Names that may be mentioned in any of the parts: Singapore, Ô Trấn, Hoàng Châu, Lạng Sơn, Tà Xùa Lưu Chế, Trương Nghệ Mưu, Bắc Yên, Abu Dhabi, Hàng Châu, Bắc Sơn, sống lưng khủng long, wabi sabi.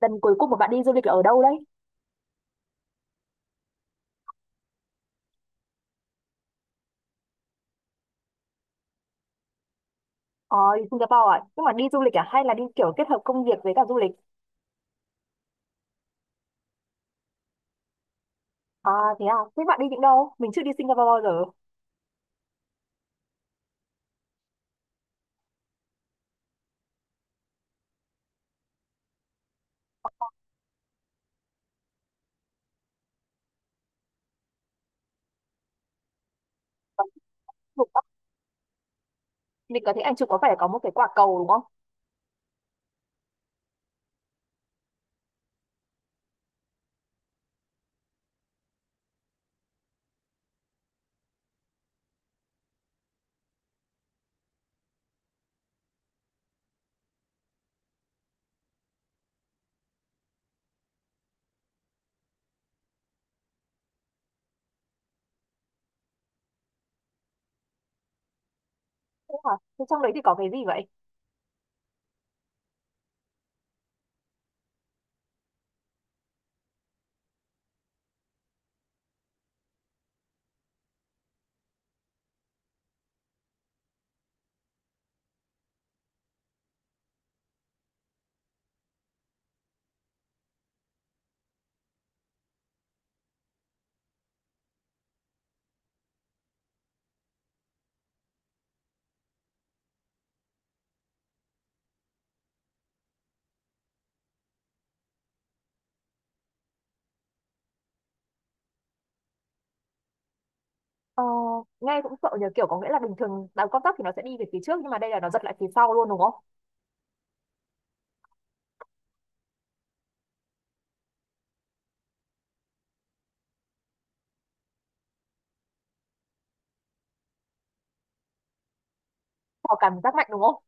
Lần cuối cùng mà bạn đi du lịch là ở đâu đấy? Ờ Đi Singapore à, nhưng mà đi du lịch à hay là đi kiểu kết hợp công việc với cả du lịch? À, thế à? Thế bạn đi những đâu? Mình chưa đi Singapore bao giờ. Ủa, mình có thấy anh chụp, có phải có một cái quả cầu đúng không? Thế à? Thế trong đấy thì có cái gì vậy? Ờ. Nghe cũng sợ nhờ, kiểu có nghĩa là bình thường đào con tắc thì nó sẽ đi về phía trước nhưng mà đây là nó giật lại phía sau luôn đúng không? Có cảm giác mạnh đúng không?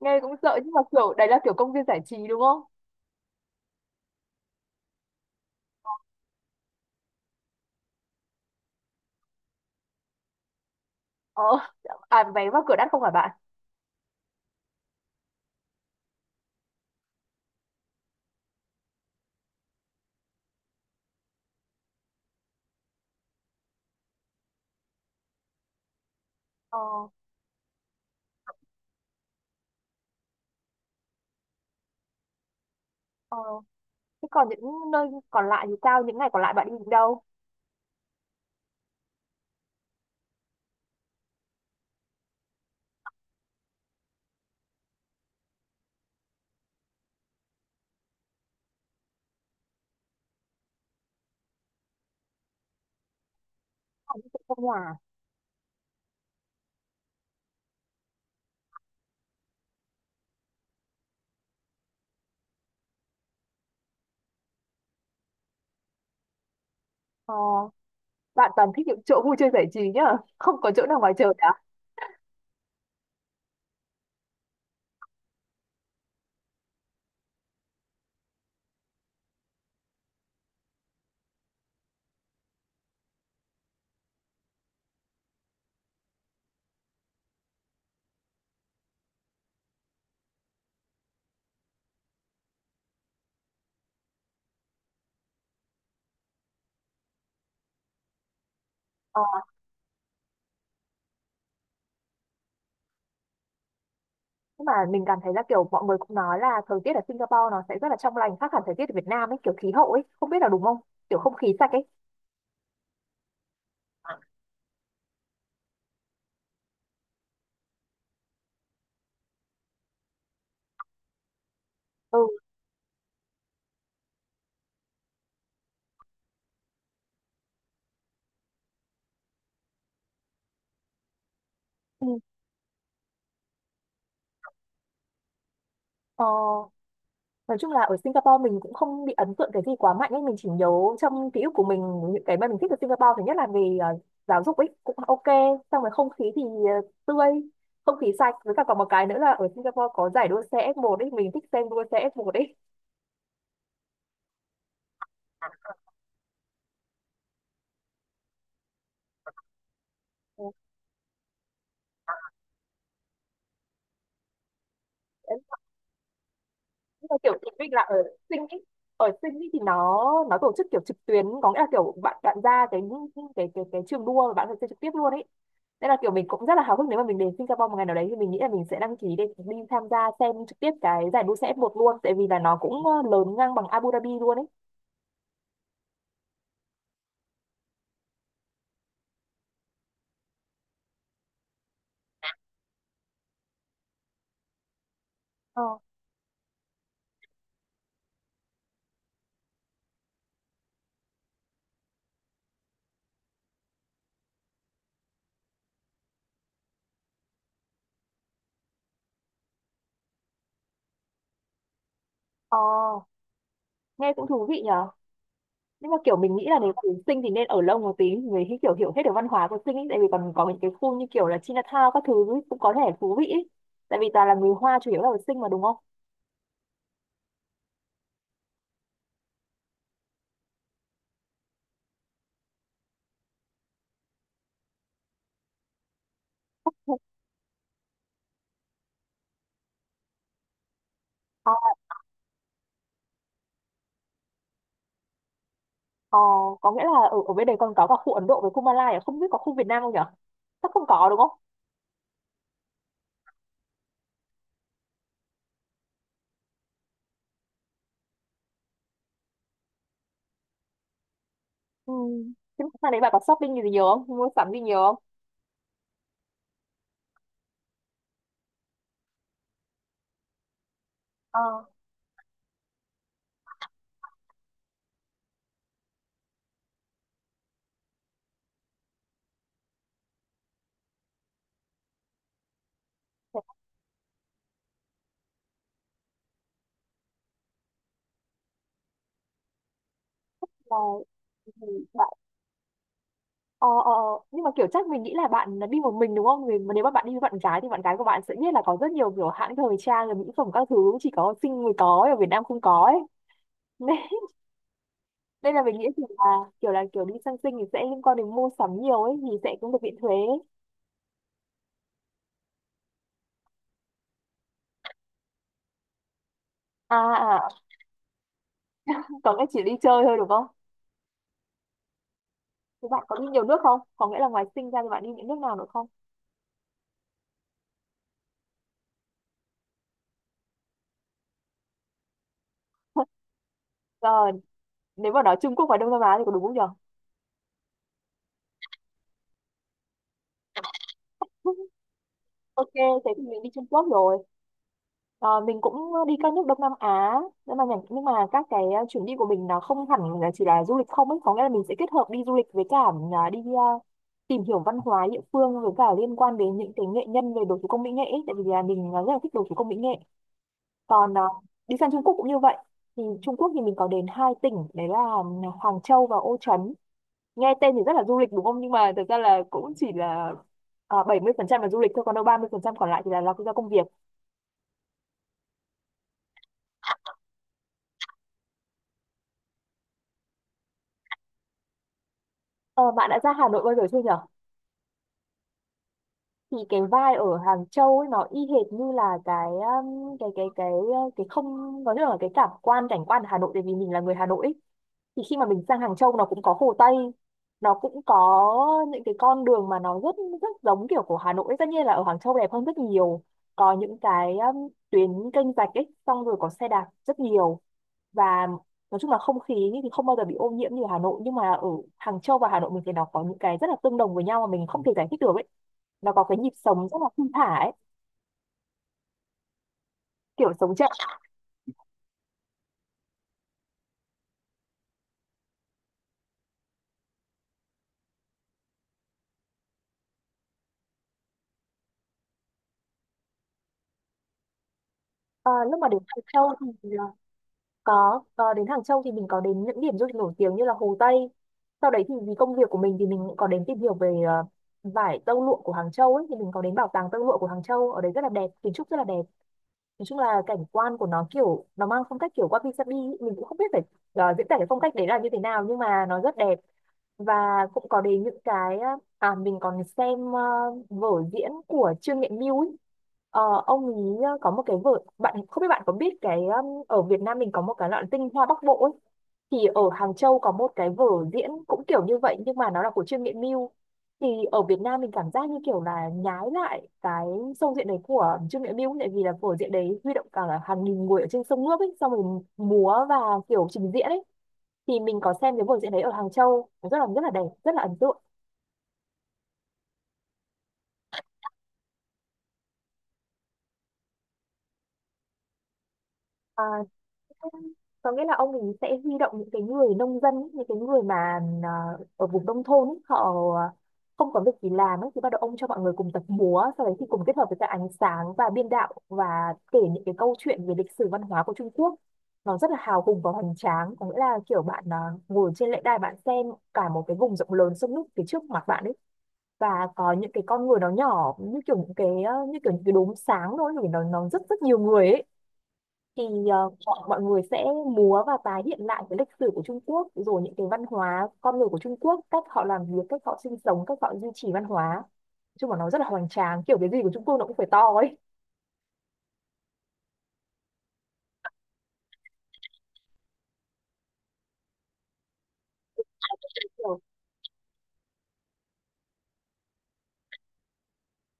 Nghe cũng sợ nhưng mà kiểu đấy là kiểu công viên giải trí đúng không? Ờ. À, vé vào cửa đắt không phải bạn? Ờ. Ờ. Thế còn những nơi còn lại thì sao? Những ngày còn lại bạn đi đến đâu? Không, cũng trong nhà. ờ, Bạn toàn thích những chỗ vui chơi giải trí nhá. Không có chỗ nào ngoài trời cả. ờ, nhưng mà mình cảm thấy là kiểu mọi người cũng nói là thời tiết ở Singapore nó sẽ rất là trong lành khác hẳn thời tiết ở Việt Nam ấy, kiểu khí hậu ấy, không biết là đúng không? Kiểu không khí sạch ấy. Ừ. Ừ. Ờ. Nói chung là ở Singapore mình cũng không bị ấn tượng cái gì quá mạnh ấy, mình chỉ nhớ trong ký ức của mình những cái mà mình thích ở Singapore thứ nhất là về giáo dục ấy cũng OK, xong rồi không khí thì tươi, không khí sạch với cả còn một cái nữa là ở Singapore có giải đua xe F1 ấy, mình thích xem đua xe F1 ấy. Nhưng mà kiểu chị Vinh là ở sinh ý. Ở sinh ý thì nó tổ chức kiểu trực tuyến, có nghĩa là kiểu bạn bạn ra cái trường đua mà bạn phải chơi trực tiếp luôn ấy, nên là kiểu mình cũng rất là háo hức nếu mà mình đến Singapore một ngày nào đấy thì mình nghĩ là mình sẽ đăng ký để đi tham gia xem trực tiếp cái giải đua xe F1 luôn, tại vì là nó cũng lớn ngang bằng Abu Dhabi luôn ấy. Ờ. Ờ. Nghe cũng thú vị nhỉ. Nhưng mà kiểu mình nghĩ là nếu mà đến Sinh thì nên ở lâu một tí thì mới kiểu hiểu hết được văn hóa của Sinh ấy. Tại vì còn có những cái khu như kiểu là Chinatown các thứ ấy, cũng có thể thú vị ấy. Tại vì toàn là người Hoa chủ yếu là ở Sinh mà đúng không? Ờ. Ờ. Có nghĩa là ở bên đấy còn có cả khu Ấn Độ với khu Malai à? Không biết có khu Việt Nam không nhở? Chắc không có đúng không? Ừ. Thế mà sang đấy bạn có shopping gì nhiều không? Mua sắm gì nhiều không? ờ, là- Ờ, ờ, ờ. Nhưng mà kiểu chắc mình nghĩ là bạn đi một mình đúng không? Vì mà nếu mà bạn đi với bạn gái thì bạn gái của bạn sẽ biết là có rất nhiều kiểu hãng thời trang, rồi mỹ phẩm các thứ chỉ có Sing mới có, ở Việt Nam không có ấy. Nên, nên là mình nghĩ kiểu đi sang Sing thì sẽ liên quan đến mua sắm nhiều ấy thì sẽ cũng được miễn thuế. À, à, còn cái chỉ đi chơi thôi đúng không? Thì bạn có đi nhiều nước không? Có nghĩa là ngoài Sing ra thì bạn đi những nước nào nữa không? Rồi, nếu mà nói Trung Quốc và Đông Nam Á thì có đúng không nhỉ? OK, thế thì mình đi Trung Quốc rồi. Ờ, mình cũng đi các nước Đông Nam Á nhưng mà nhưng mà các cái chuyến đi của mình nó không hẳn là chỉ là du lịch không ấy, có nghĩa là mình sẽ kết hợp đi du lịch với cả đi tìm hiểu văn hóa địa phương với cả liên quan đến những cái nghệ nhân về đồ thủ công mỹ nghệ ấy. Tại vì là mình rất là thích đồ thủ công mỹ nghệ, còn đi sang Trung Quốc cũng như vậy. Thì Trung Quốc thì mình có đến hai tỉnh đấy là Hoàng Châu và Ô Trấn. Nghe tên thì rất là du lịch đúng không nhưng mà thật ra là cũng chỉ là 70% là du lịch thôi, còn đâu 30% còn lại thì là lo do công việc. Ờ, bạn đã ra Hà Nội bao giờ chưa nhỉ? Thì cái vai ở Hàng Châu ấy nó y hệt như là cái không, có nghĩa là cái cảm quan cảnh quan ở Hà Nội, tại vì mình là người Hà Nội ấy. Thì khi mà mình sang Hàng Châu nó cũng có Hồ Tây, nó cũng có những cái con đường mà nó rất rất giống kiểu của Hà Nội ấy. Tất nhiên là ở Hàng Châu đẹp hơn rất nhiều, có những cái tuyến kênh rạch ấy, xong rồi có xe đạp rất nhiều, và nói chung là không khí thì không bao giờ bị ô nhiễm như ở Hà Nội, nhưng mà ở Hàng Châu và Hà Nội mình thấy nó có những cái rất là tương đồng với nhau mà mình không thể giải thích được ấy, nó có cái nhịp sống rất là thong thả ấy, kiểu sống chậm. Ờ, lúc mà đến Hàng Châu thì có đến Hàng Châu thì mình có đến những điểm du lịch nổi tiếng như là Hồ Tây. Sau đấy thì vì công việc của mình thì mình cũng có đến tìm hiểu về vải tơ lụa của Hàng Châu ấy, thì mình có đến bảo tàng tơ lụa của Hàng Châu ở đấy rất là đẹp, kiến trúc rất là đẹp. Nói chung là cảnh quan của nó kiểu nó mang phong cách kiểu wabi sabi ý. Mình cũng không biết phải diễn tả cái phong cách đấy là như thế nào nhưng mà nó rất đẹp, và cũng có đến những cái à, mình còn xem vở diễn của Trương Nghệ Mưu ấy. Ờ, ông ấy có một cái vở, bạn không biết bạn có biết cái ở Việt Nam mình có một cái loại tinh hoa Bắc Bộ ấy. Thì ở Hàng Châu có một cái vở diễn cũng kiểu như vậy nhưng mà nó là của Trương Nghệ Mưu. Thì ở Việt Nam mình cảm giác như kiểu là nhái lại cái sâu diện đấy của Trương Nghệ Mưu, tại vì là vở diễn đấy huy động cả hàng nghìn người ở trên sông nước ấy, xong rồi múa và kiểu trình diễn ấy. Thì mình có xem cái vở diễn đấy ở Hàng Châu, rất là đẹp, rất là ấn tượng. À, có nghĩa là ông ấy sẽ huy động những cái người nông dân ấy, những cái người mà ở vùng nông thôn ấy, họ không có việc gì làm ấy, thì bắt đầu ông cho mọi người cùng tập múa sau đấy thì cùng kết hợp với cả ánh sáng và biên đạo và kể những cái câu chuyện về lịch sử văn hóa của Trung Quốc. Nó rất là hào hùng và hoành tráng, có nghĩa là kiểu bạn ngồi trên lễ đài bạn xem cả một cái vùng rộng lớn sông nước phía trước mặt bạn ấy, và có những cái con người nó nhỏ như kiểu những cái như kiểu những cái đốm sáng thôi, vì nó rất rất nhiều người ấy. Thì mọi mọi người sẽ múa và tái hiện lại cái lịch sử của Trung Quốc, rồi những cái văn hóa con người của Trung Quốc, cách họ làm việc, cách họ sinh sống, cách họ duy trì văn hóa. Nói chung là nó rất là hoành tráng, kiểu cái gì của Trung Quốc nó cũng phải to ấy. Kiểu,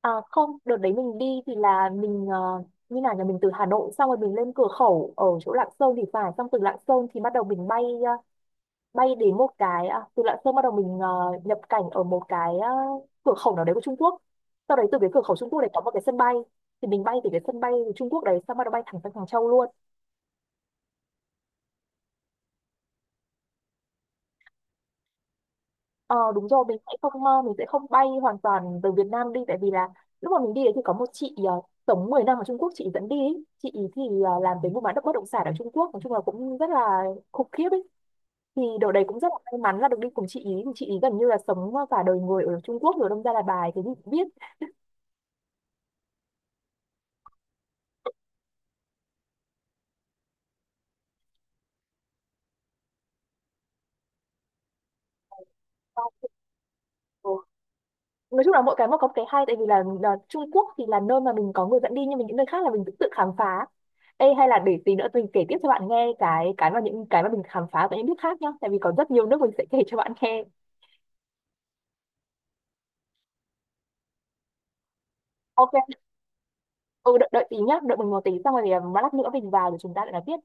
à, không, đợt đấy mình đi thì là mình như nào nhà mình từ Hà Nội xong rồi mình lên cửa khẩu ở chỗ Lạng Sơn thì phải, xong từ Lạng Sơn thì bắt đầu mình bay bay đến một cái, à, từ Lạng Sơn bắt đầu mình nhập cảnh ở một cái cửa khẩu nào đấy của Trung Quốc. Sau đấy từ cái cửa khẩu Trung Quốc đấy có một cái sân bay, thì mình bay từ cái sân bay của Trung Quốc đấy xong bắt đầu bay thẳng sang Hàng Châu luôn. Ờ, đúng rồi, mình sẽ không bay hoàn toàn từ Việt Nam đi, tại vì là lúc mà mình đi đấy thì có một chị sống 10 năm ở Trung Quốc, chị dẫn đi ấy. Chị ý thì làm về mua bán đất bất động sản ở Trung Quốc nói chung là cũng rất là khủng khiếp ấy. Thì đợt đấy cũng rất là may mắn là được đi cùng chị ý. Thì chị ý gần như là sống cả đời người ở Trung Quốc rồi đâm ra là bài cái gì cũng biết. Ờ, nói chung là mỗi cái một có một cái hay, tại vì là Trung Quốc thì là nơi mà mình có người dẫn đi nhưng mà những nơi khác là mình tự tự khám phá. Ê, hay là để tí nữa mình kể tiếp cho bạn nghe cái mà những cái mà mình khám phá tại những nước khác nhá, tại vì có rất nhiều nước mình sẽ kể cho bạn nghe. OK. Ừ, đợi tí nhá, đợi mình một tí xong rồi thì, lát nữa mình vào rồi chúng ta lại nói tiếp.